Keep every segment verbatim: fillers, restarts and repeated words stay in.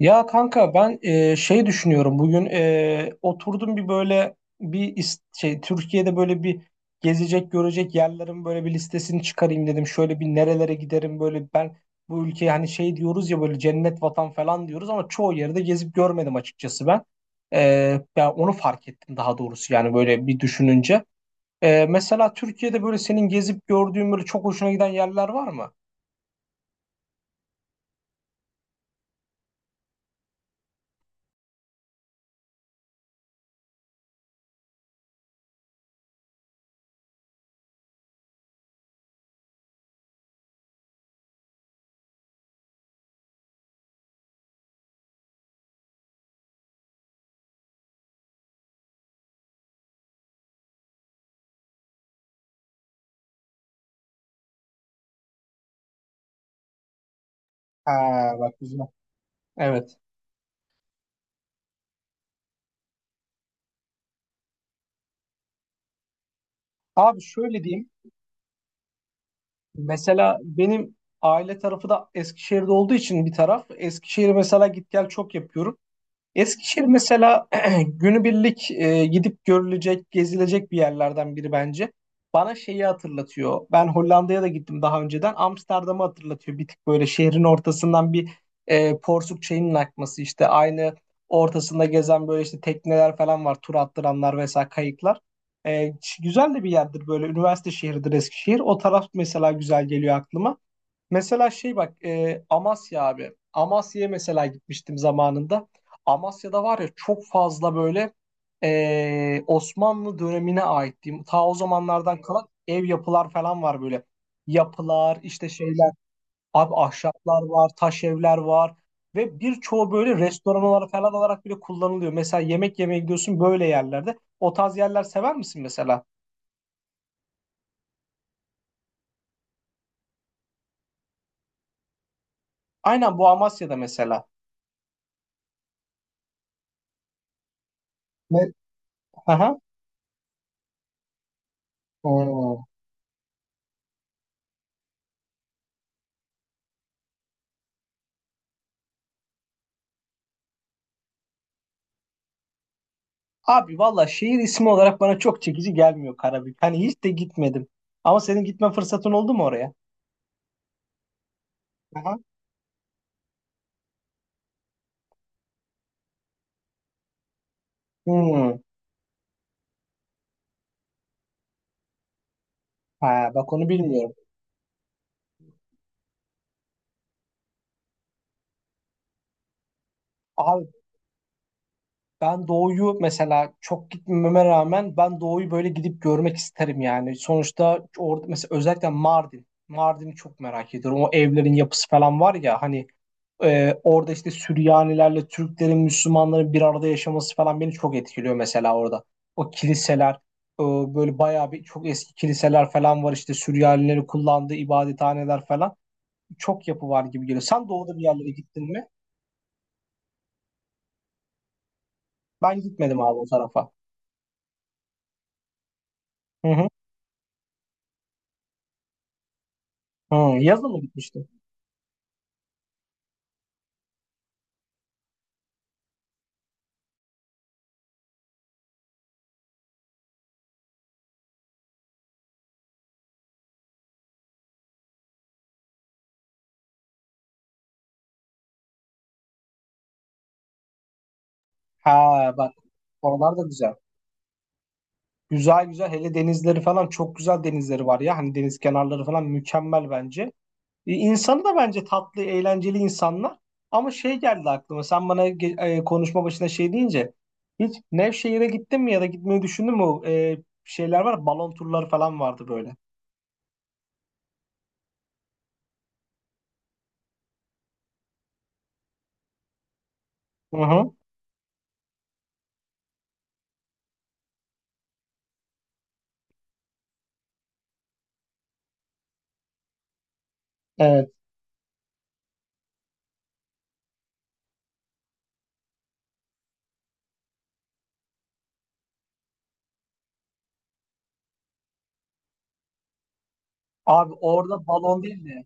Ya kanka ben e, şey düşünüyorum bugün e, oturdum bir böyle bir is- şey Türkiye'de böyle bir gezecek görecek yerlerin böyle bir listesini çıkarayım dedim. Şöyle bir nerelere giderim böyle ben bu ülkeye hani şey diyoruz ya böyle cennet vatan falan diyoruz ama çoğu yerde gezip görmedim açıkçası ben. E, ben onu fark ettim daha doğrusu yani böyle bir düşününce. E, mesela Türkiye'de böyle senin gezip gördüğün böyle çok hoşuna giden yerler var mı? Ha, bak güzel. Evet. Abi şöyle diyeyim. Mesela benim aile tarafı da Eskişehir'de olduğu için bir taraf. Eskişehir'e mesela git gel çok yapıyorum. Eskişehir mesela günübirlik e, gidip görülecek, gezilecek bir yerlerden biri bence. Bana şeyi hatırlatıyor. Ben Hollanda'ya da gittim daha önceden. Amsterdam'ı hatırlatıyor. Bir tık böyle şehrin ortasından bir e, porsuk çayının akması işte aynı ortasında gezen böyle işte tekneler falan var. Tur attıranlar vesaire kayıklar. E, ç- güzel de bir yerdir böyle. Üniversite şehridir Eskişehir. O taraf mesela güzel geliyor aklıma. Mesela şey bak e, Amasya abi. Amasya'ya mesela gitmiştim zamanında. Amasya'da var ya çok fazla böyle e, Osmanlı dönemine ait diyeyim. Ta o zamanlardan kalan ev yapılar falan var böyle. Yapılar işte şeyler. Abi ahşaplar var, taş evler var. Ve birçoğu böyle restoran olarak falan olarak bile kullanılıyor. Mesela yemek yemeye gidiyorsun böyle yerlerde. O tarz yerler sever misin mesela? Aynen bu Amasya'da mesela. Ne? Aha. Oo. Abi valla şehir ismi olarak bana çok çekici gelmiyor Karabük. Hani hiç de gitmedim. Ama senin gitme fırsatın oldu mu oraya? Aha. Hmm. Ha, bak onu bilmiyorum. Abi ben doğuyu mesela çok gitmeme rağmen ben doğuyu böyle gidip görmek isterim yani. Sonuçta orada mesela özellikle Mardin. Mardin'i çok merak ediyorum. O evlerin yapısı falan var ya hani. Ee, orada işte Süryanilerle Türklerin, Müslümanların bir arada yaşaması falan beni çok etkiliyor mesela orada. O kiliseler, e, böyle bayağı bir çok eski kiliseler falan var işte Süryanilerin kullandığı ibadethaneler falan. Çok yapı var gibi geliyor. Sen doğuda bir yerlere gittin mi? Ben gitmedim abi o tarafa. Hı hı. Hı, yazın mı gitmiştin? Ha bak oralar da güzel. Güzel güzel hele denizleri falan çok güzel denizleri var ya. Hani deniz kenarları falan mükemmel bence. E, İnsanı da bence tatlı, eğlenceli insanlar. Ama şey geldi aklıma. Sen bana ge- e, konuşma başında şey deyince hiç Nevşehir'e gittin mi ya da gitmeyi düşündün mü? O, e, şeyler var, balon turları falan vardı böyle. Hı hı. Evet. Abi orada balon değil de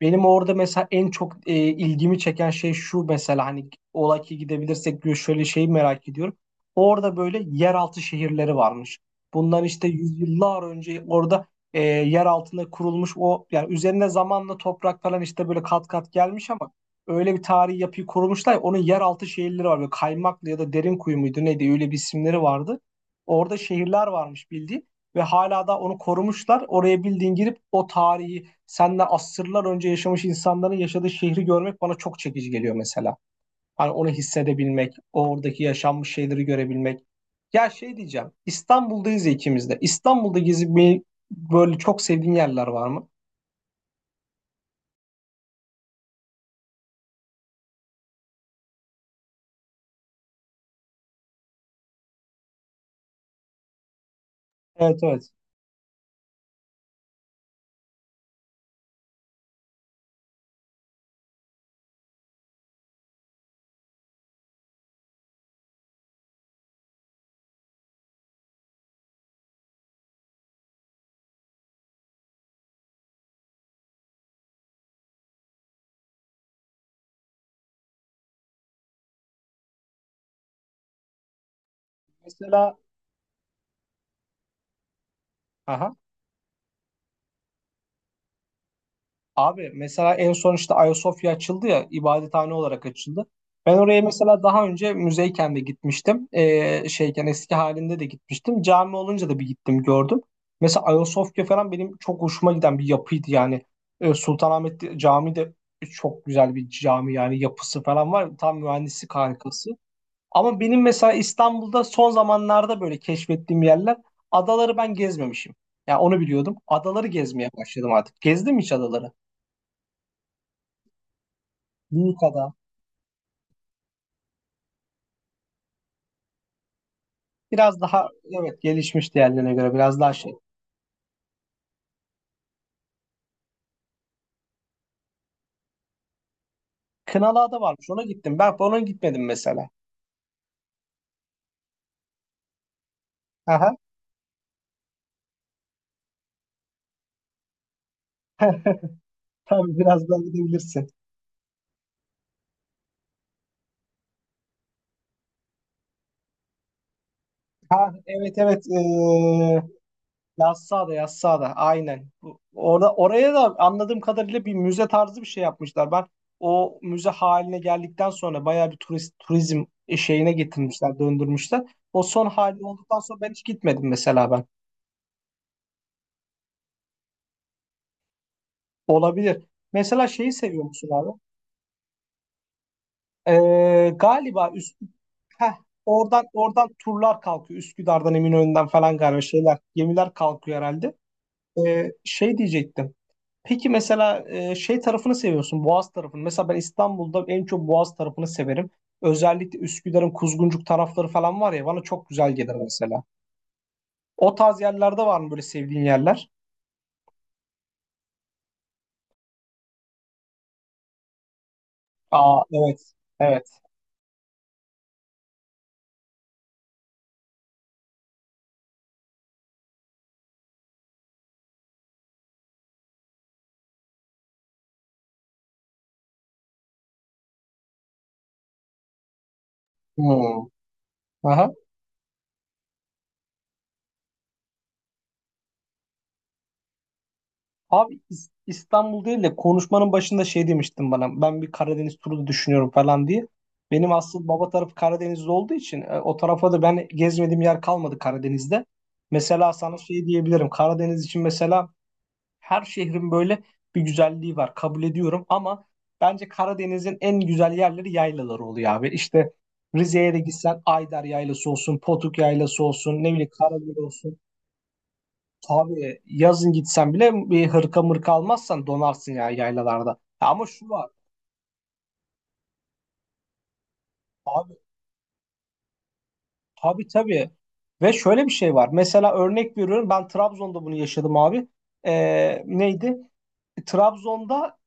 benim orada mesela en çok e, ilgimi çeken şey şu mesela hani ola ki gidebilirsek diyor şöyle şeyi merak ediyorum. Orada böyle yeraltı şehirleri varmış. Bundan işte yüzyıllar önce orada e, yer altında kurulmuş o yani üzerine zamanla toprak falan işte böyle kat kat gelmiş ama öyle bir tarihi yapıyı kurmuşlar. Ya, onun yeraltı şehirleri var. Böyle Kaymaklı ya da derin kuyu muydu neydi öyle bir isimleri vardı. Orada şehirler varmış bildiğin ve hala da onu korumuşlar. Oraya bildiğin girip o tarihi senle asırlar önce yaşamış insanların yaşadığı şehri görmek bana çok çekici geliyor mesela. Hani onu hissedebilmek, oradaki yaşanmış şeyleri görebilmek. Ya şey diyeceğim, İstanbul'dayız ya ikimiz de. İstanbul'da gezip böyle çok sevdiğin yerler var mı? Evet, evet. Mesela. Aha. Abi mesela en son işte Ayasofya açıldı ya ibadethane olarak açıldı. Ben oraya mesela daha önce müzeyken de gitmiştim. Ee, şeyken eski halinde de gitmiştim. Cami olunca da bir gittim gördüm. Mesela Ayasofya falan benim çok hoşuma giden bir yapıydı yani. Ee, Sultanahmet Camii de çok güzel bir cami yani yapısı falan var. Tam mühendislik harikası. Ama benim mesela İstanbul'da son zamanlarda böyle keşfettiğim yerler adaları ben gezmemişim. Yani onu biliyordum. Adaları gezmeye başladım artık. Gezdim hiç adaları. Büyük ada. Biraz daha, evet, gelişmiş diğerlerine göre biraz daha şey. Kınalı Ada varmış ona gittim. Ben ona gitmedim mesela. Aha. Tabii biraz daha gidebilirsin. Ha evet evet ee, Yassıada Yassıada aynen. Bu- Orada, oraya da anladığım kadarıyla bir müze tarzı bir şey yapmışlar. Ben o müze haline geldikten sonra bayağı bir turist, turizm şeyine getirmişler, döndürmüşler. O son hali olduktan sonra ben hiç gitmedim mesela ben. Olabilir. Mesela şeyi seviyor musun abi? Ee, galiba Üsküdar oradan, oradan turlar kalkıyor. Üsküdar'dan Eminönü'nden falan galiba şeyler gemiler kalkıyor herhalde. Ee, şey diyecektim. Peki mesela e, şey tarafını seviyorsun, Boğaz tarafını. Mesela ben İstanbul'da en çok Boğaz tarafını severim. Özellikle Üsküdar'ın Kuzguncuk tarafları falan var ya bana çok güzel gelir mesela. O tarz yerlerde var mı böyle sevdiğin yerler? Aa, evet. Evet. Hmm. Aha. Abi İs- İstanbul değil de konuşmanın başında şey demiştin bana. Ben bir Karadeniz turu da düşünüyorum falan diye. Benim asıl baba tarafı Karadeniz'de olduğu için e, o tarafa da ben gezmediğim yer kalmadı Karadeniz'de. Mesela sana şey diyebilirim. Karadeniz için mesela her şehrin böyle bir güzelliği var. Kabul ediyorum ama bence Karadeniz'in en güzel yerleri yaylaları oluyor abi. İşte Rize'ye de gitsen Ayder Yaylası olsun, Potuk Yaylası olsun, ne bileyim Karagöl olsun. Abi yazın gitsen bile bir hırka mırka almazsan donarsın ya yaylalarda. Ama şu var. Abi tabii tabii. Ve şöyle bir şey var. Mesela örnek veriyorum. Ben Trabzon'da bunu yaşadım abi. Ee, neydi? Trabzon'da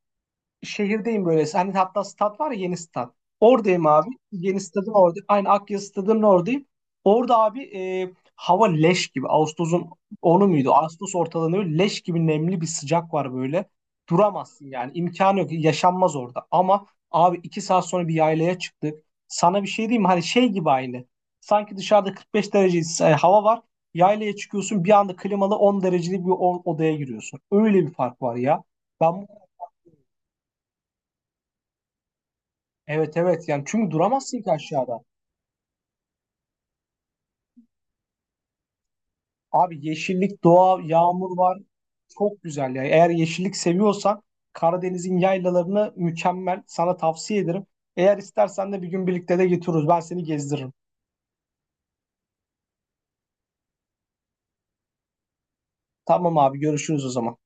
şehirdeyim böyle. Hani hatta stat var ya yeni stat. Oradayım abi. Yeni stadın orada. Aynı Akya stadının oradayım. Orada abi e, hava leş gibi. Ağustos'un onu muydu? Ağustos ortalarında böyle leş gibi nemli bir sıcak var böyle. Duramazsın yani. İmkanı yok. Yaşanmaz orada. Ama abi iki saat sonra bir yaylaya çıktık. Sana bir şey diyeyim mi? Hani şey gibi aynı. Sanki dışarıda kırk beş derece e, hava var. Yaylaya çıkıyorsun bir anda klimalı on derecelik bir o- odaya giriyorsun. Öyle bir fark var ya. Ben evet, evet yani çünkü duramazsın ki aşağıda. Abi yeşillik, doğa, yağmur var. Çok güzel ya. Eğer yeşillik seviyorsan Karadeniz'in yaylalarını mükemmel. Sana tavsiye ederim. Eğer istersen de bir gün birlikte de getiririz. Ben seni gezdiririm. Tamam abi görüşürüz o zaman.